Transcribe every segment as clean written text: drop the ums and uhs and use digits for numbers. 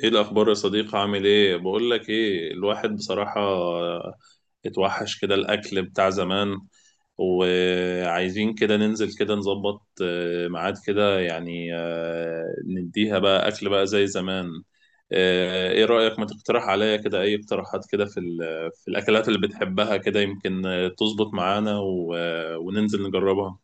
ايه الاخبار يا صديقي؟ عامل ايه؟ بقول لك ايه، الواحد بصراحة اتوحش كده الاكل بتاع زمان. وعايزين كده ننزل كده نظبط ميعاد كده يعني نديها بقى اكل بقى زي زمان. ايه رأيك؟ ما تقترح عليا كده اي اقتراحات كده في في الاكلات اللي بتحبها كده يمكن تظبط معانا وننزل نجربها.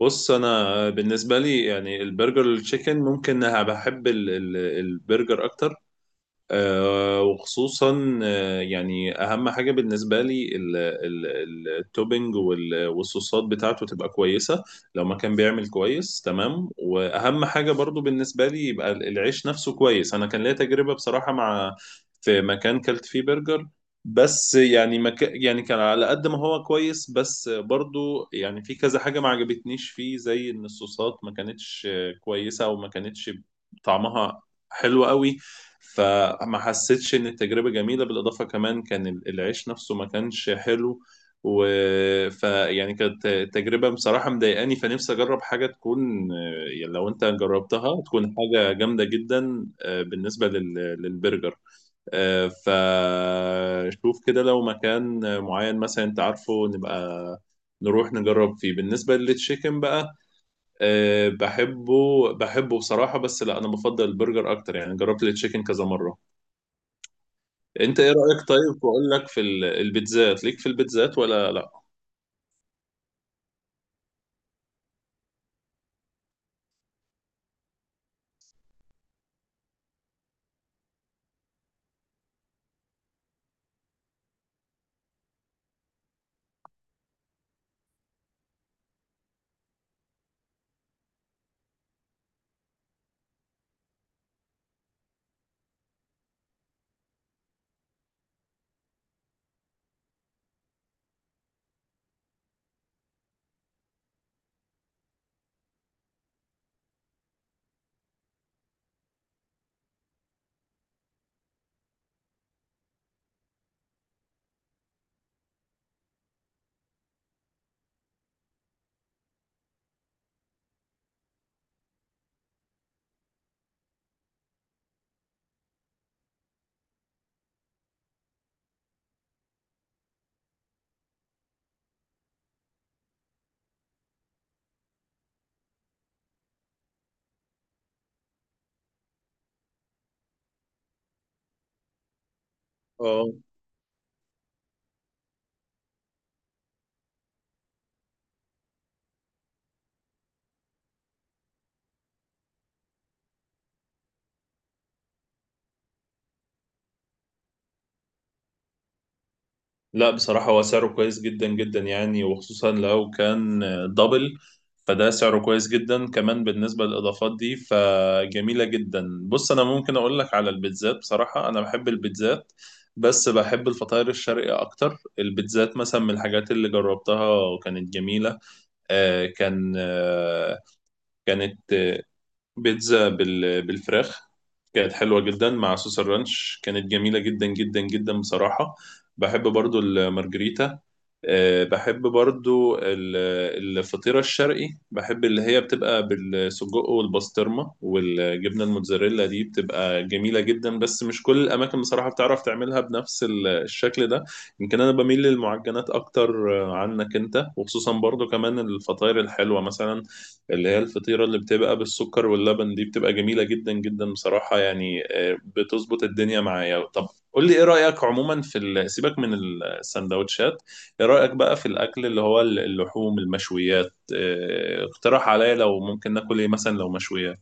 بص، انا بالنسبه لي يعني البرجر التشيكن، ممكن أنا بحب البرجر اكتر. وخصوصا يعني اهم حاجه بالنسبه لي التوبينج والصوصات بتاعته تبقى كويسه، لو ما كان بيعمل كويس تمام. واهم حاجه برضو بالنسبه لي يبقى العيش نفسه كويس. انا كان ليا تجربه بصراحه مع، في مكان كلت فيه برجر. بس يعني يعني كان على قد ما هو كويس، بس برضو يعني في كذا حاجه ما عجبتنيش فيه، زي ان الصوصات ما كانتش كويسه، او ما كانتش طعمها حلو قوي. فما حسيتش ان التجربه جميله، بالاضافه كمان كان العيش نفسه ما كانش حلو. و فيعني كانت تجربه بصراحه مضايقاني، فنفسي اجرب حاجه تكون يعني لو انت جربتها تكون حاجه جامده جدا. بالنسبه للبرجر. فشوف كده لو مكان معين مثلا انت عارفه نبقى نروح نجرب فيه. بالنسبة للتشيكن بقى، أه بحبه بحبه بصراحة، بس لا، أنا بفضل البرجر أكتر، يعني جربت التشيكن كذا مرة. انت ايه رأيك؟ طيب، واقول لك في البيتزات، ليك في البيتزات ولا لا؟ اه، لا بصراحة، هو سعره كويس جدا جدا يعني، وخصوصا لو كان دبل، فده سعره كويس جدا. كمان بالنسبة للإضافات دي فجميلة جدا. بص، أنا ممكن أقول لك على البيتزات، بصراحة أنا بحب البيتزات، بس بحب الفطاير الشرقي أكتر. البيتزات مثلا من الحاجات اللي جربتها وكانت جميلة، آه كان آه كانت بيتزا بالفراخ، كانت حلوة جدا مع صوص الرانش، كانت جميلة جدا جدا جدا بصراحة. بحب برضو المارجريتا. بحب برضو الفطيرة الشرقي، بحب اللي هي بتبقى بالسجق والبسطرمة والجبنة الموتزاريلا. دي بتبقى جميلة جدا، بس مش كل الأماكن بصراحة بتعرف تعملها بنفس الشكل ده. يمكن أنا بميل للمعجنات أكتر عنك أنت، وخصوصا برضو كمان الفطاير الحلوة، مثلا اللي هي الفطيرة اللي بتبقى بالسكر واللبن، دي بتبقى جميلة جدا جدا بصراحة، يعني بتظبط الدنيا معايا. طب قول لي ايه رأيك عموما في سيبك من السندوتشات، ايه رأيك بقى في الأكل اللي هو اللحوم المشويات؟ اقترح عليا لو ممكن ناكل ايه مثلا لو مشويات.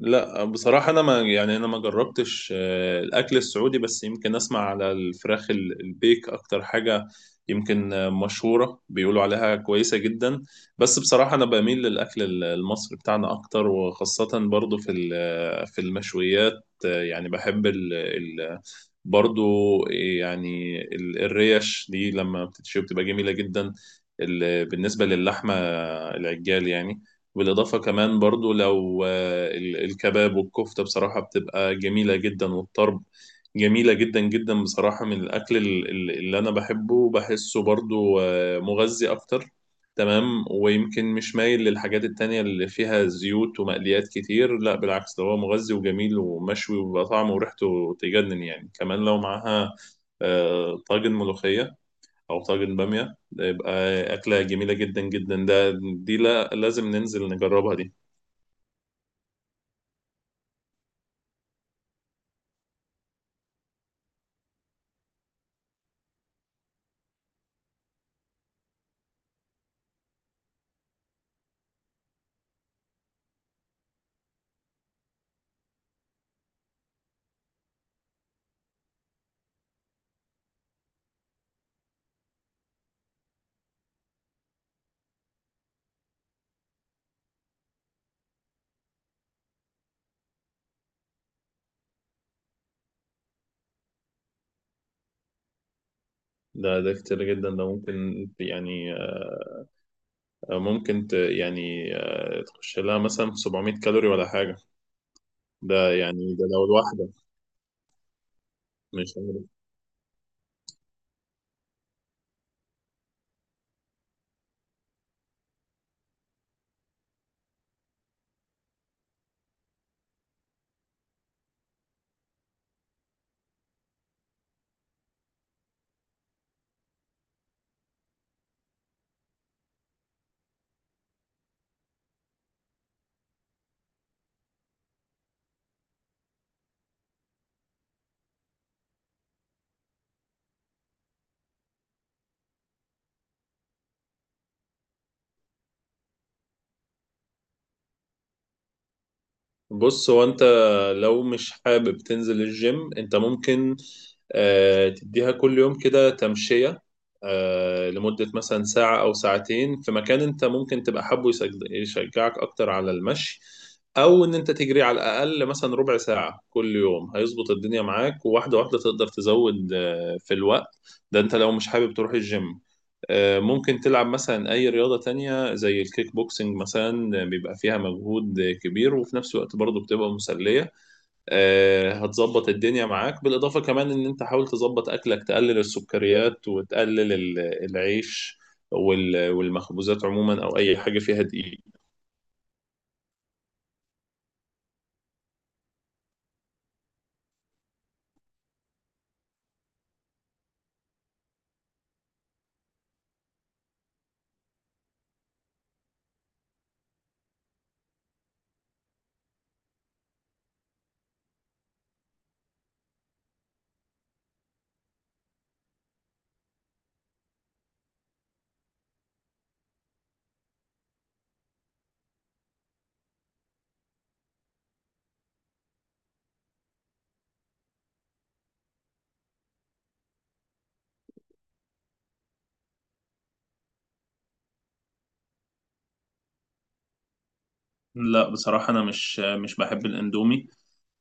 لا بصراحة، أنا ما يعني، أنا ما جربتش الأكل السعودي، بس يمكن أسمع على الفراخ البيك أكتر حاجة، يمكن مشهورة، بيقولوا عليها كويسة جدا. بس بصراحة أنا بميل للأكل المصري بتاعنا أكتر، وخاصة برضو في في المشويات يعني بحب ال ال برضو، يعني الريش دي لما بتتشوي بتبقى جميلة جدا. بالنسبة للحمة العجال يعني، بالإضافة كمان برضو لو الكباب والكفتة بصراحة بتبقى جميلة جدا، والطرب جميلة جدا جدا بصراحة، من الأكل اللي أنا بحبه وبحسه برضو مغذي أكتر. تمام، ويمكن مش مايل للحاجات التانية اللي فيها زيوت ومقليات كتير. لا بالعكس، ده هو مغذي وجميل ومشوي وبيبقى طعمه وريحته تجنن، يعني كمان لو معاها طاجن ملوخية او طاجن باميه، ده يبقى اكله جميله جدا جدا. ده دي لا، لازم ننزل نجربها دي. ده كتير جدا، ده ممكن يعني ممكن يعني تخش لها مثلا في 700 كالوري ولا حاجه، ده يعني ده لو الواحده مش. بص، هو انت لو مش حابب تنزل الجيم، انت ممكن تديها كل يوم كده تمشية، لمدة مثلا ساعة أو ساعتين، في مكان انت ممكن تبقى حابه يشجعك أكتر على المشي، أو إن أنت تجري على الأقل مثلا ربع ساعة كل يوم، هيظبط الدنيا معاك. وواحدة واحدة تقدر تزود في الوقت ده، انت لو مش حابب تروح الجيم، ممكن تلعب مثلا أي رياضة تانية زي الكيك بوكسنج، مثلا بيبقى فيها مجهود كبير وفي نفس الوقت برضه بتبقى مسلية. هتظبط الدنيا معاك، بالإضافة كمان إن أنت حاول تظبط أكلك، تقلل السكريات وتقلل العيش والمخبوزات عموما، أو أي حاجة فيها دقيق. لا بصراحة، أنا مش بحب الأندومي،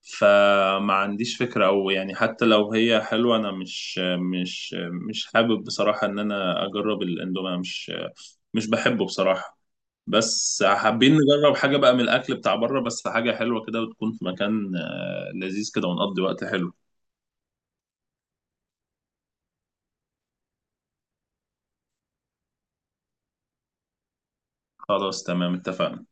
فما عنديش فكرة. أو يعني حتى لو هي حلوة، أنا مش حابب بصراحة إن أنا أجرب الأندومي. أنا مش بحبه بصراحة. بس حابين نجرب حاجة بقى من الأكل بتاع بره، بس حاجة حلوة كده وتكون في مكان لذيذ كده، ونقضي وقت حلو. خلاص تمام، اتفقنا.